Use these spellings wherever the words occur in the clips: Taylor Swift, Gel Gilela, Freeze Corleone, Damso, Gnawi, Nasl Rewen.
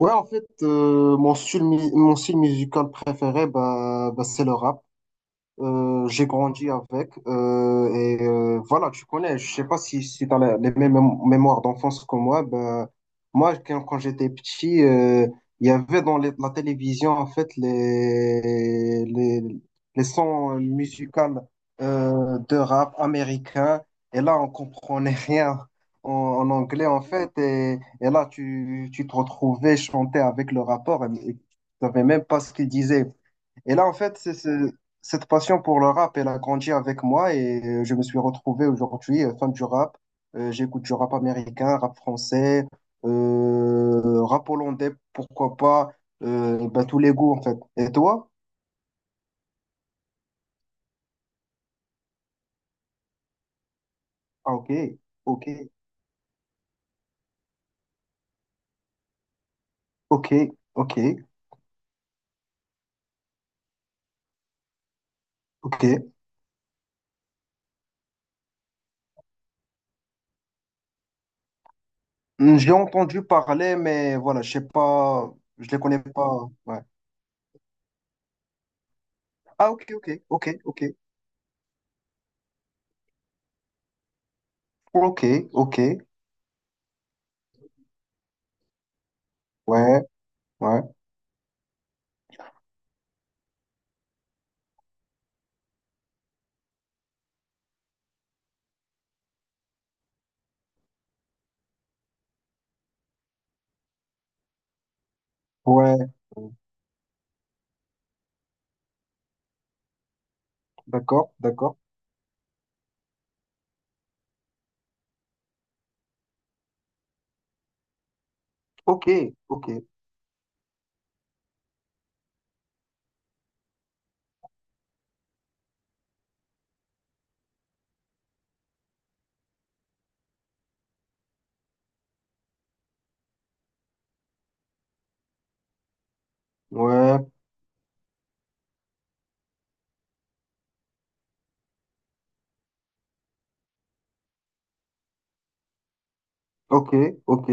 Ouais, en fait, mon style musical préféré, bah, bah, c'est le rap. J'ai grandi avec et voilà, tu connais, je sais pas si tu as les mêmes mémoires d'enfance que moi. Ben, moi, quand j'étais petit, il y avait dans la télévision en fait les sons musicaux de rap américain et là, on comprenait rien en anglais en fait. Et là, tu te retrouvais chanter avec le rapport et tu savais même pas ce qu'il disait. Et là, en fait, cette passion pour le rap, elle a grandi avec moi et je me suis retrouvé aujourd'hui fan du rap. J'écoute du rap américain, rap français, rap hollandais, pourquoi pas, ben, tous les goûts en fait. Et toi? Ah, ok, ok, ok, ok, ok. Hmm, je l'ai entendu parler, mais voilà, je sais pas, je les connais pas. Ouais. Ah, ok, ok, ok, ok, ok, ok, ouais, ouais, ouais, d'accord, d'accord. Ok, ok, ouais, ok, ok.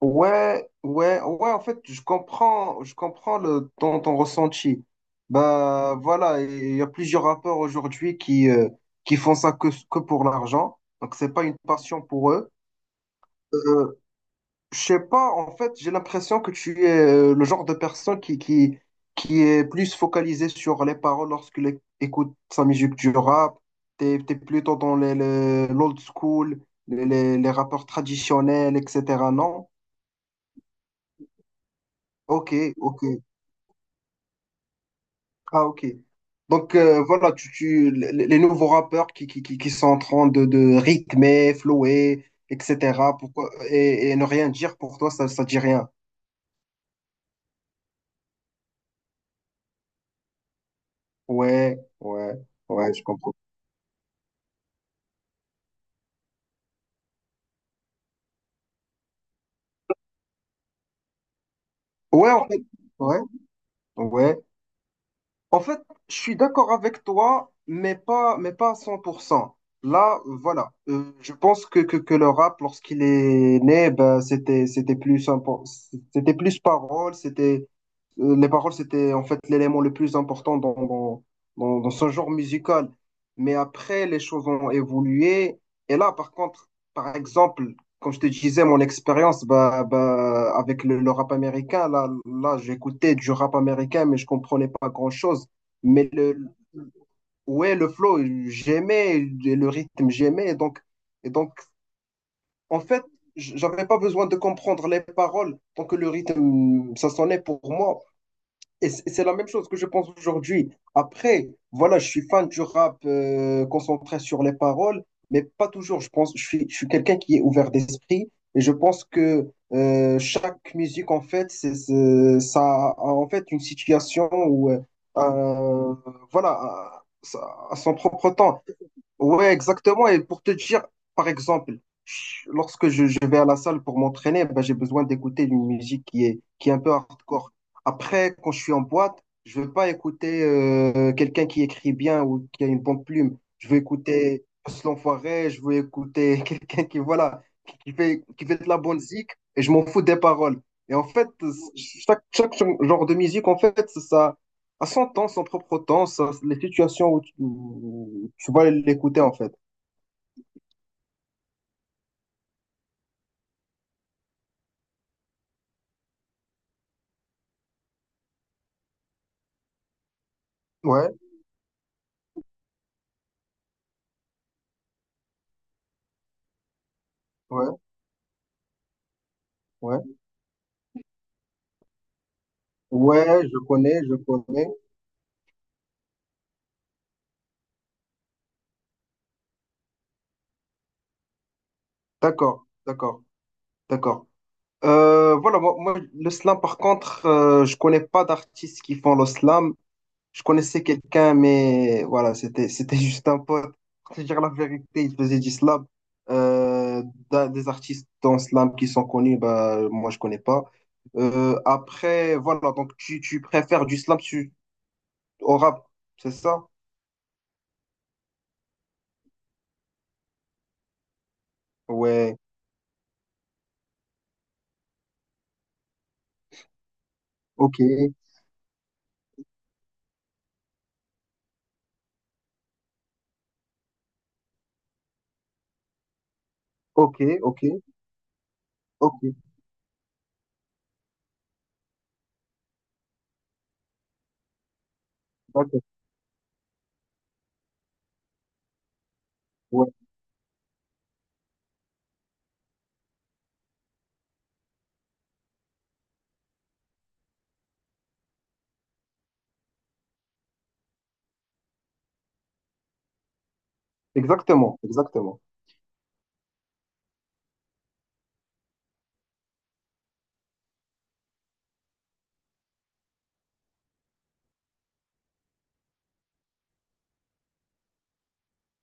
Ouais, ouais, ouais, en fait, je comprends, ton ressenti. Bah, voilà, il y a plusieurs rappeurs aujourd'hui qui font ça que pour l'argent. Donc, c'est pas une passion pour eux. Euh, Je sais pas, en fait, j'ai l'impression que tu es le genre de personne qui est plus focalisée sur les paroles lorsqu'il écoute sa musique du rap. T'es plutôt dans l'old school, les rappeurs traditionnels, etc. Non? Ok, ok. Ah, ok. Donc, voilà, les nouveaux rappeurs qui sont en train de rythmer, flower, etc. Pourquoi, et ne rien dire pour toi, ça dit rien. Ouais, ouais, ouais, je comprends. Ouais, en fait, ouais, ouais. En fait, je suis d'accord avec toi, mais pas à 100%. Là, voilà. Je pense que le rap, lorsqu'il est né, ben, c'était plus, c'était plus parole, les paroles, c'était en fait l'élément le plus important dans ce genre musical. Mais après, les choses ont évolué. Et là, par contre, par exemple, comme je te disais, mon expérience bah, bah, avec le rap américain, là j'écoutais du rap américain, mais je comprenais pas grand-chose. Mais le, ouais, le flow, j'aimais, le rythme, j'aimais. Et donc, en fait, j'avais pas besoin de comprendre les paroles tant que le rythme, ça sonnait pour moi. Et c'est la même chose que je pense aujourd'hui. Après, voilà, je suis fan du rap concentré sur les paroles, mais pas toujours. Je pense, je suis quelqu'un qui est ouvert d'esprit et je pense que chaque musique, en fait, ça a en fait une situation ou un- voilà, à son propre temps. Ouais, exactement. Et pour te dire, par exemple, lorsque je vais à la salle pour m'entraîner, ben, j'ai besoin d'écouter une musique qui est un peu hardcore. Après, quand je suis en boîte, je veux pas écouter quelqu'un qui écrit bien ou qui a une bonne plume. Je veux écouter Post l'Enfoiré, je veux écouter quelqu'un qui, voilà, qui fait de la bonne zik et je m'en fous des paroles. Et en fait, chaque genre de musique, en fait, ça, à son temps, son propre temps, les situations où tu vas l'écouter en fait. Ouais, ouais, ouais. Ouais, je connais, je connais. D'accord, d'accord, d'accord. Voilà, moi, le slam, par contre, je connais pas d'artistes qui font le slam. Je connaissais quelqu'un, mais voilà, c'était juste un pote. Pour te dire la vérité, il faisait du slam. Euh, d'un- des artistes dans slam qui sont connus, bah, moi, je connais pas. Après, voilà, donc tu préfères du slam, au rap, c'est ça? Ouais, ok, ok, ok, ok, d'accord. Ouais, exactement, exactement.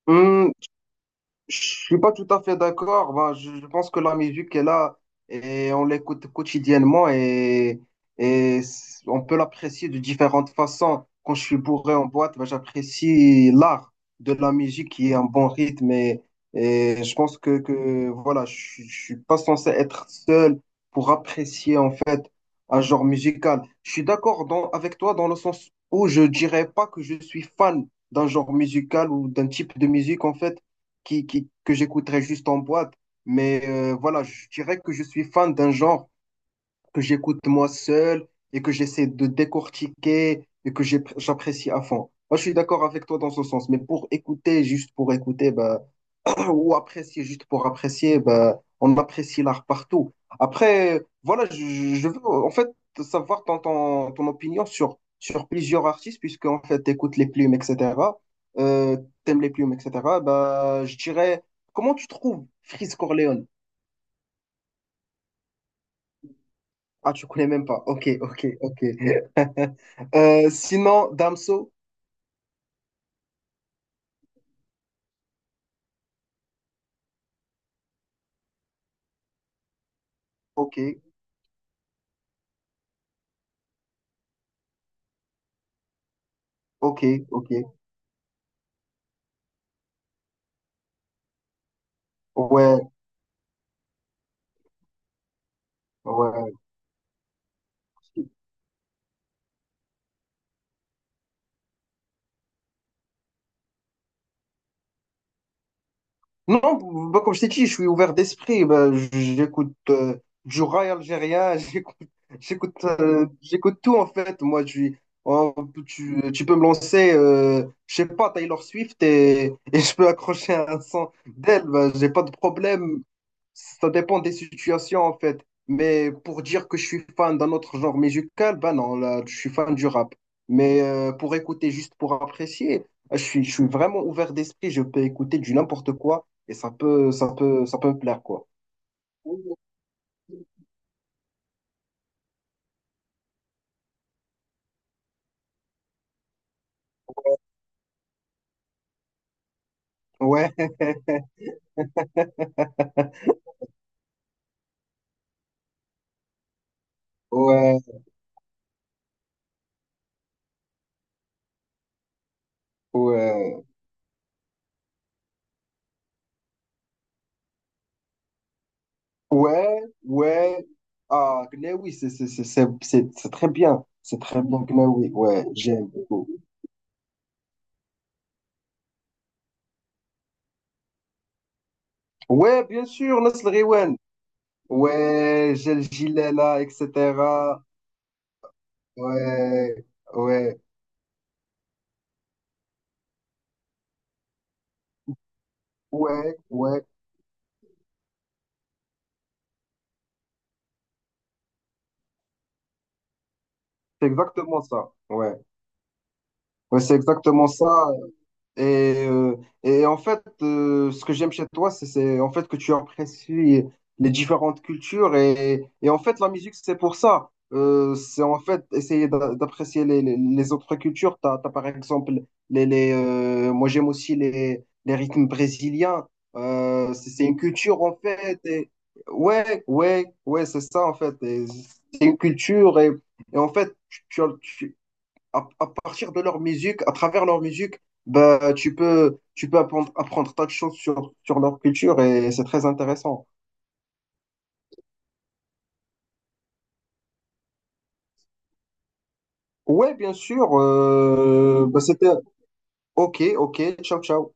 Hmm, je suis pas tout à fait d'accord. Ben, je pense que la musique est là et on l'écoute quotidiennement on peut l'apprécier de différentes façons. Quand je suis bourré en boîte, ben, j'apprécie l'art de la musique qui est un bon rythme et je pense que voilà, je suis pas censé être seul pour apprécier en fait un genre musical. Je suis d'accord avec toi dans le sens où je dirais pas que je suis fan d'un genre musical ou d'un type de musique en fait que j'écouterais juste en boîte. Mais voilà, je dirais que je suis fan d'un genre que j'écoute moi seul et que j'essaie de décortiquer et j'apprécie à fond. Moi, je suis d'accord avec toi dans ce sens, mais pour écouter, juste pour écouter, bah, ou apprécier juste pour apprécier, ben, on apprécie l'art partout. Après, voilà, je veux en fait savoir ton opinion sur plusieurs artistes, puisque en fait, t'écoutes les plumes, etc. Euh, T'aimes les plumes, etc. Ben, je dirais, comment tu trouves Freeze Corleone? Ah, tu connais même pas. Ok, ok, ok. Sinon, Damso, ok, ok, ok. Ouais, ouais. Non, bah, comme je t'ai dit, je suis ouvert d'esprit. Bah, j'écoute du rail algérien, j'écoute, j'écoute tout en fait. Moi, je suis- en- tu peux me lancer, je sais pas, Taylor Swift et je peux accrocher un son d'elle. Bah, j'ai pas de problème. Ça dépend des situations en fait. Mais pour dire que je suis fan d'un autre genre musical, bah non, là, je suis fan du rap. Mais pour écouter, juste pour apprécier, je suis vraiment ouvert d'esprit. Je peux écouter du n'importe quoi et ça peut plaire, quoi. Ouais, ouais, ouais, ouais, ouais. Ah, Gnawi, c'est très bien. C'est très bien, Gnawi. Ouais, j'aime beaucoup. Ouais, bien sûr, Nasl Rewen. Ouais, Gel Gilela, etc. Ouais, ouais, ouais, ouais. C'est exactement ça. Ouais, ouais, c'est exactement ça. Et, euh, et en fait, ce que j'aime chez toi, c'est en fait que tu apprécies les différentes cultures. Et en fait, la musique, c'est pour ça. C'est en fait essayer d'apprécier les autres cultures. T'as par exemple, moi j'aime aussi les rythmes brésiliens. C'est une culture en fait. Et, ouais, ouais, ouais, c'est ça en fait. Et c'est une culture. Et en fait, à partir de leur musique, à travers leur musique, bah, tu peux apprendre, tas de choses sur leur culture et c'est très intéressant. Ouais, bien sûr, bah, c'était OK, OK, ciao, ciao.